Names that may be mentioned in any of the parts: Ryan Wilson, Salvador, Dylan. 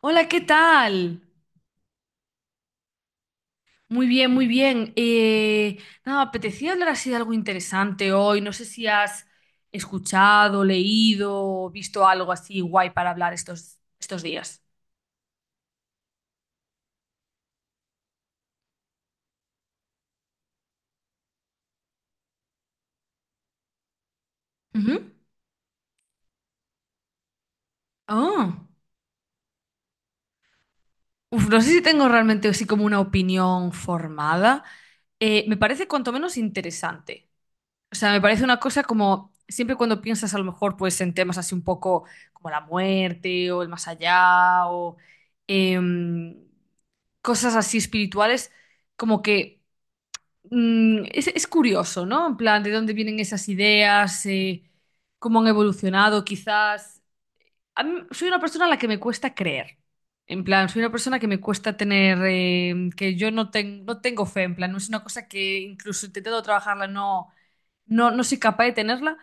Hola, ¿qué tal? Muy bien, muy bien. Nada, me apetecía hablar así de algo interesante hoy. No sé si has escuchado, leído o visto algo así guay para hablar estos días. Ujú. Ah. Uf, no sé si tengo realmente así como una opinión formada. Me parece cuanto menos interesante. O sea, me parece una cosa como siempre cuando piensas a lo mejor pues en temas así un poco como la muerte o el más allá o em, cosas así espirituales, como que es curioso, ¿no? En plan, ¿de dónde vienen esas ideas? ¿Cómo han evolucionado quizás? Soy una persona a la que me cuesta creer. En plan, soy una persona que me cuesta tener, em, que yo no, ten- no tengo fe, en plan, no es una cosa que incluso intentando trabajarla no soy capaz de tenerla,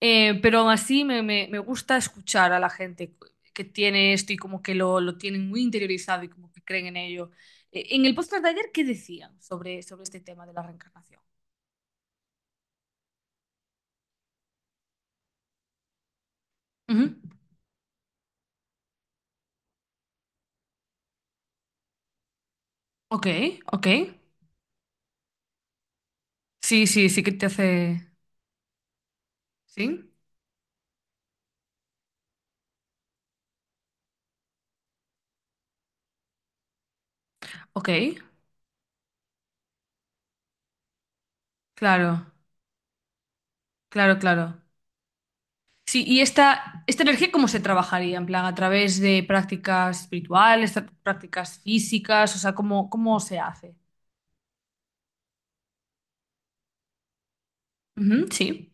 pero aún así me gusta escuchar a la gente que tiene esto y como que lo tienen muy interiorizado y como que creen en ello. En el podcast de ayer, ¿qué decían sobre este tema de la reencarnación? Ujú. Ok, ok. Sí, sí, sí que te hace... ¿Sí? Ok, claro, claro, claro. Sí, y esta energía, ¿cómo se trabajaría? En plan, a través de prácticas espirituales, prácticas físicas, o sea, ¿cómo se hace? Ujú, sí.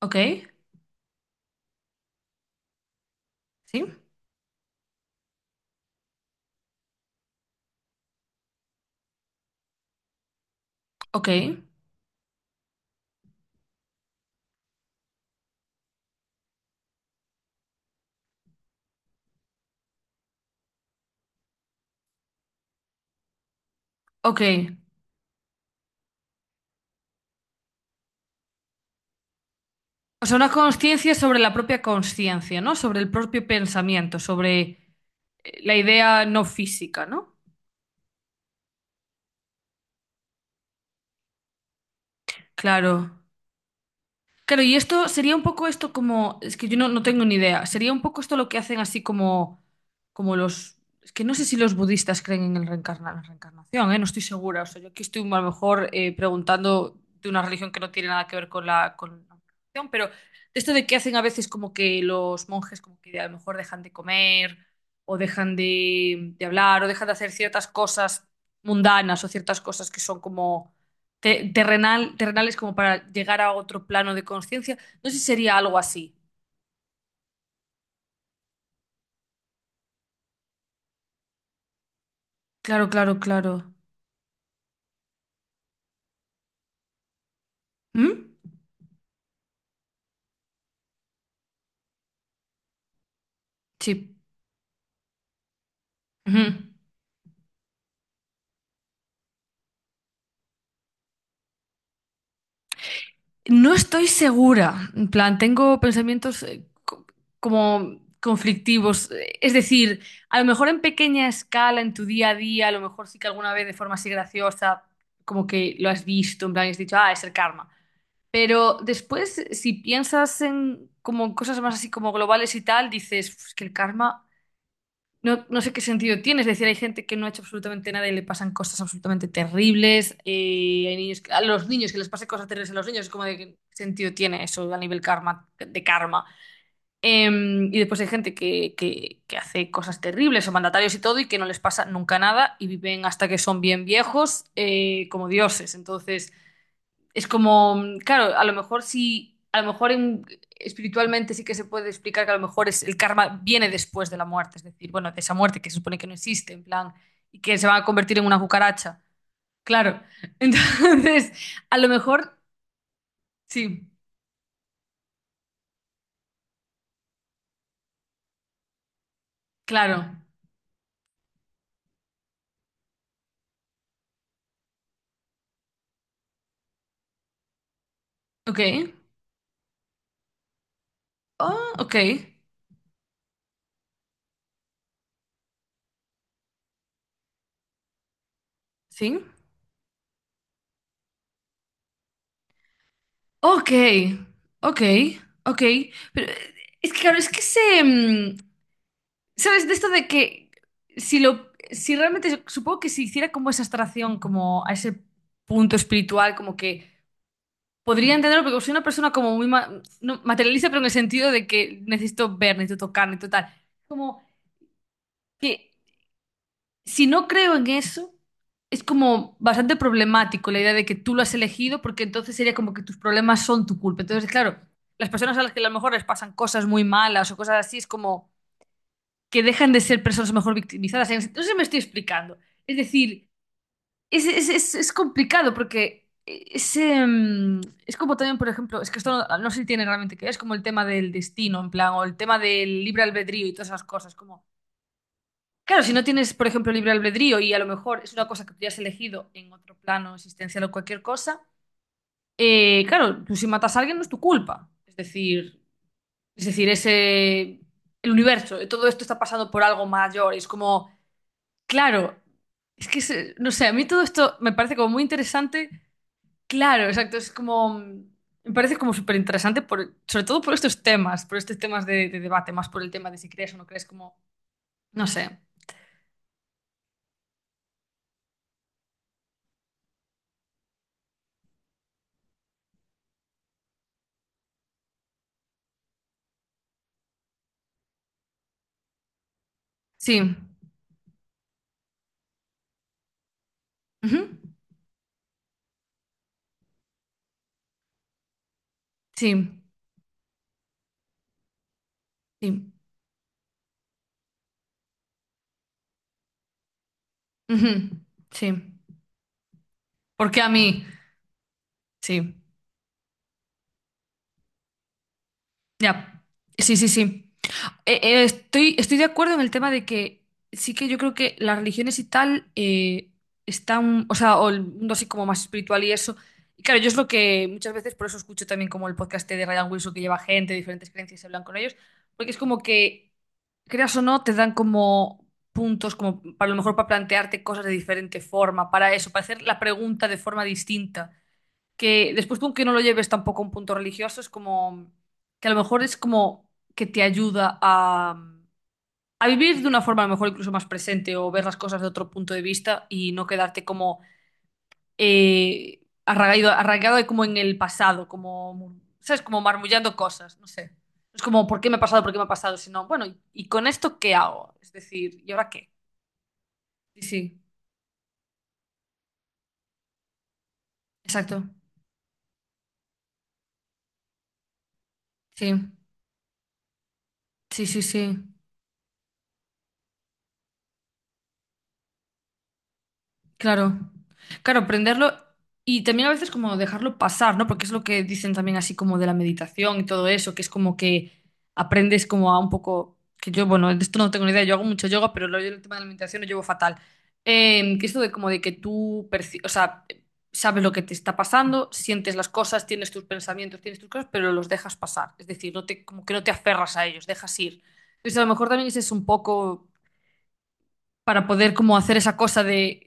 Ok, sí, ok, ok. O sea, una conciencia sobre la propia conciencia, ¿no? Sobre el propio pensamiento, sobre la idea no física, ¿no? Claro. Claro, y esto sería un poco esto como, es que yo no, no tengo ni idea, sería un poco esto lo que hacen así como, como los, es que no sé si los budistas creen en el la reencarnación, ¿eh? No estoy segura, o sea, yo aquí estoy a lo mejor preguntando de una religión que no tiene nada que ver con la religión, pero esto de que hacen a veces como que los monjes como que a lo mejor dejan de comer o dejan de hablar o dejan de hacer ciertas cosas mundanas o ciertas cosas que son como terrenal es como para llegar a otro plano de conciencia. No sé si sería algo así. Claro, claro, claro. ¿Mm? Sí. Ujú. No estoy segura. En plan, tengo pensamientos como conflictivos. Es decir, a lo mejor en pequeña escala, en tu día a día, a lo mejor sí que alguna vez de forma así graciosa, como que lo has visto, en plan, y has dicho, ah, es el karma. Pero después, si piensas en como en cosas más así como globales y tal, dices, "Uf, es que el karma no, no sé qué sentido tiene". Es decir, hay gente que no ha hecho absolutamente nada y le pasan cosas absolutamente terribles. Hay niños a los niños que les pasan cosas terribles a los niños. Es como de qué sentido tiene eso a nivel karma, de karma. Eh, y después hay gente que hace cosas terribles o mandatarios y todo y que no les pasa nunca nada y viven hasta que son bien viejos, como dioses. Entonces... Es como, claro, a lo mejor sí, a lo mejor en- espiritualmente sí que se puede explicar que a lo mejor es, el karma viene después de la muerte, es decir, bueno, de esa muerte que se supone que no existe, en plan, y que se va a convertir en una cucaracha. Claro. Entonces, a lo mejor, sí, claro. Ok. Oh, ok. Sí. Ok. Ok. Ok. Pero es que, claro, es que se, ¿sabes? De esto de que si lo, si realmente, supongo que si hiciera como esa abstracción, como a ese punto espiritual, como que podría entenderlo, porque soy una persona como no, materialista, pero en el sentido de que necesito ver, necesito tocar, necesito tal. Como que si no creo en eso, es como bastante problemático la idea de que tú lo has elegido, porque entonces sería como que tus problemas son tu culpa. Entonces, claro, las personas a las que a lo mejor les pasan cosas muy malas o cosas así, es como que dejan de ser personas mejor victimizadas. No sé si me estoy explicando. Es decir, es complicado porque es como también, por ejemplo, es que esto no, no sé si tiene realmente que ver, es como el tema del destino, en plan, o el tema del libre albedrío y todas esas cosas. Como, claro, si no tienes, por ejemplo, libre albedrío y a lo mejor es una cosa que tú ya has elegido en otro plano existencial o cualquier cosa, claro, tú si matas a alguien no es tu culpa. Es decir, es decir, ese, el universo, todo esto está pasando por algo mayor. Y es como... Claro, es que, no sé, a mí todo esto me parece como muy interesante. Claro, exacto, es como, me parece como súper interesante, por, sobre todo por estos temas de debate, más por el tema de si crees o no crees, como, no sé. Sí, ujú. Sí, sí, ujú. Sí. ¿Por qué a mí? Sí, ya, sí, sí, sí. Estoy de acuerdo en el tema de que sí que yo creo que las religiones y tal están, o sea, o el mundo así como más espiritual y eso. Y claro, yo es lo que muchas veces, por eso escucho también como el podcast de Ryan Wilson que lleva gente de diferentes creencias y hablan con ellos, porque es como que, creas o no, te dan como puntos, como para a lo mejor para plantearte cosas de diferente forma, para eso, para hacer la pregunta de forma distinta que después tú aunque no lo lleves tampoco a un punto religioso, es como que a lo mejor es como que te ayuda a vivir de una forma a lo mejor incluso más presente o ver las cosas de otro punto de vista y no quedarte como arraigado como en el pasado, como, ¿sabes? Como marmullando cosas, no sé. Es como, ¿por qué me ha pasado? ¿Por qué me ha pasado? Sino, bueno, ¿y con esto qué hago? Es decir, ¿y ahora qué? Sí, sí, exacto. Sí, sí, sí, sí. Claro, claro, aprenderlo y también a veces como dejarlo pasar, ¿no? Porque es lo que dicen también así como de la meditación y todo eso, que es como que aprendes como a un poco, que yo, bueno, de esto no tengo ni idea, yo hago mucho yoga, pero yo el tema de la meditación lo llevo fatal. Que esto de como de que tú, o sea, sabes lo que te está pasando, sientes las cosas, tienes tus pensamientos, tienes tus cosas, pero los dejas pasar, es decir, no te, como que no te aferras a ellos, dejas ir. Entonces a lo mejor también ese es un poco para poder como hacer esa cosa de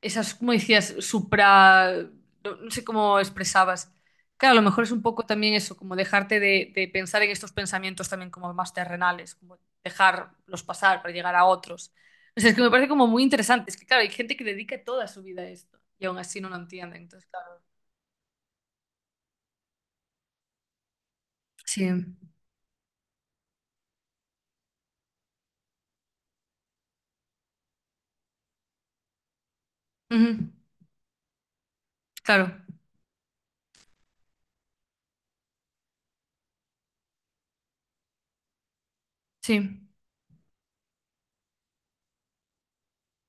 esas, como decías, supra, no, no sé cómo expresabas. Claro, a lo mejor es un poco también eso, como dejarte de pensar en estos pensamientos también como más terrenales, como dejarlos pasar para llegar a otros. O sea, es que me parece como muy interesante. Es que, claro, hay gente que dedica toda su vida a esto y aún así no lo entiende. Entonces, claro. Sí. Ujú. Claro. Sí.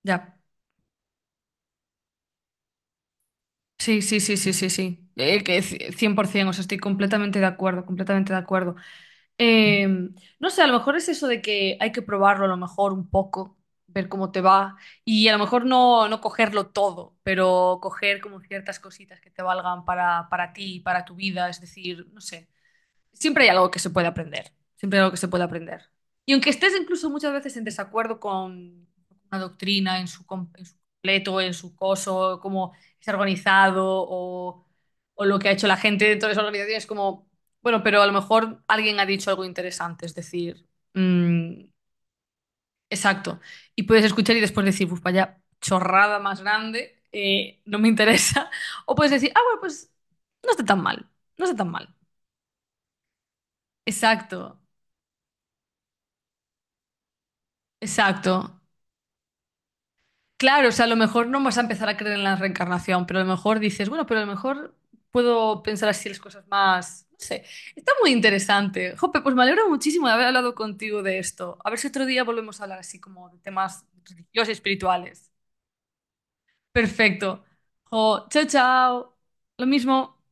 Ya. Sí, sí, sí, sí, sí, sí. 100%, o sea, estoy completamente de acuerdo, completamente de acuerdo. Eh, no sé, a lo mejor es eso de que hay que probarlo a lo mejor un poco, ver cómo te va y a lo mejor no, no cogerlo todo, pero coger como ciertas cositas que te valgan para ti, para tu vida, es decir, no sé siempre hay algo que se puede aprender, siempre hay algo que se puede aprender. Y aunque estés incluso muchas veces en desacuerdo con una doctrina en su, en su completo, en su coso, cómo es organizado o lo que ha hecho la gente dentro de esa organización, es como, bueno, pero a lo mejor alguien ha dicho algo interesante, es decir, mm, exacto. Y puedes escuchar y después decir, pues vaya chorrada más grande, no me interesa. O puedes decir, ah, bueno, pues no está tan mal, no está tan mal. Exacto. Exacto. Claro, o sea, a lo mejor no vas a empezar a creer en la reencarnación, pero a lo mejor dices, bueno, pero a lo mejor puedo pensar así las cosas más. No sé. Está muy interesante. Jope, pues me alegro muchísimo de haber hablado contigo de esto. A ver si otro día volvemos a hablar así como de temas religiosos y espirituales. Perfecto. Jo, chao, chao. Lo mismo.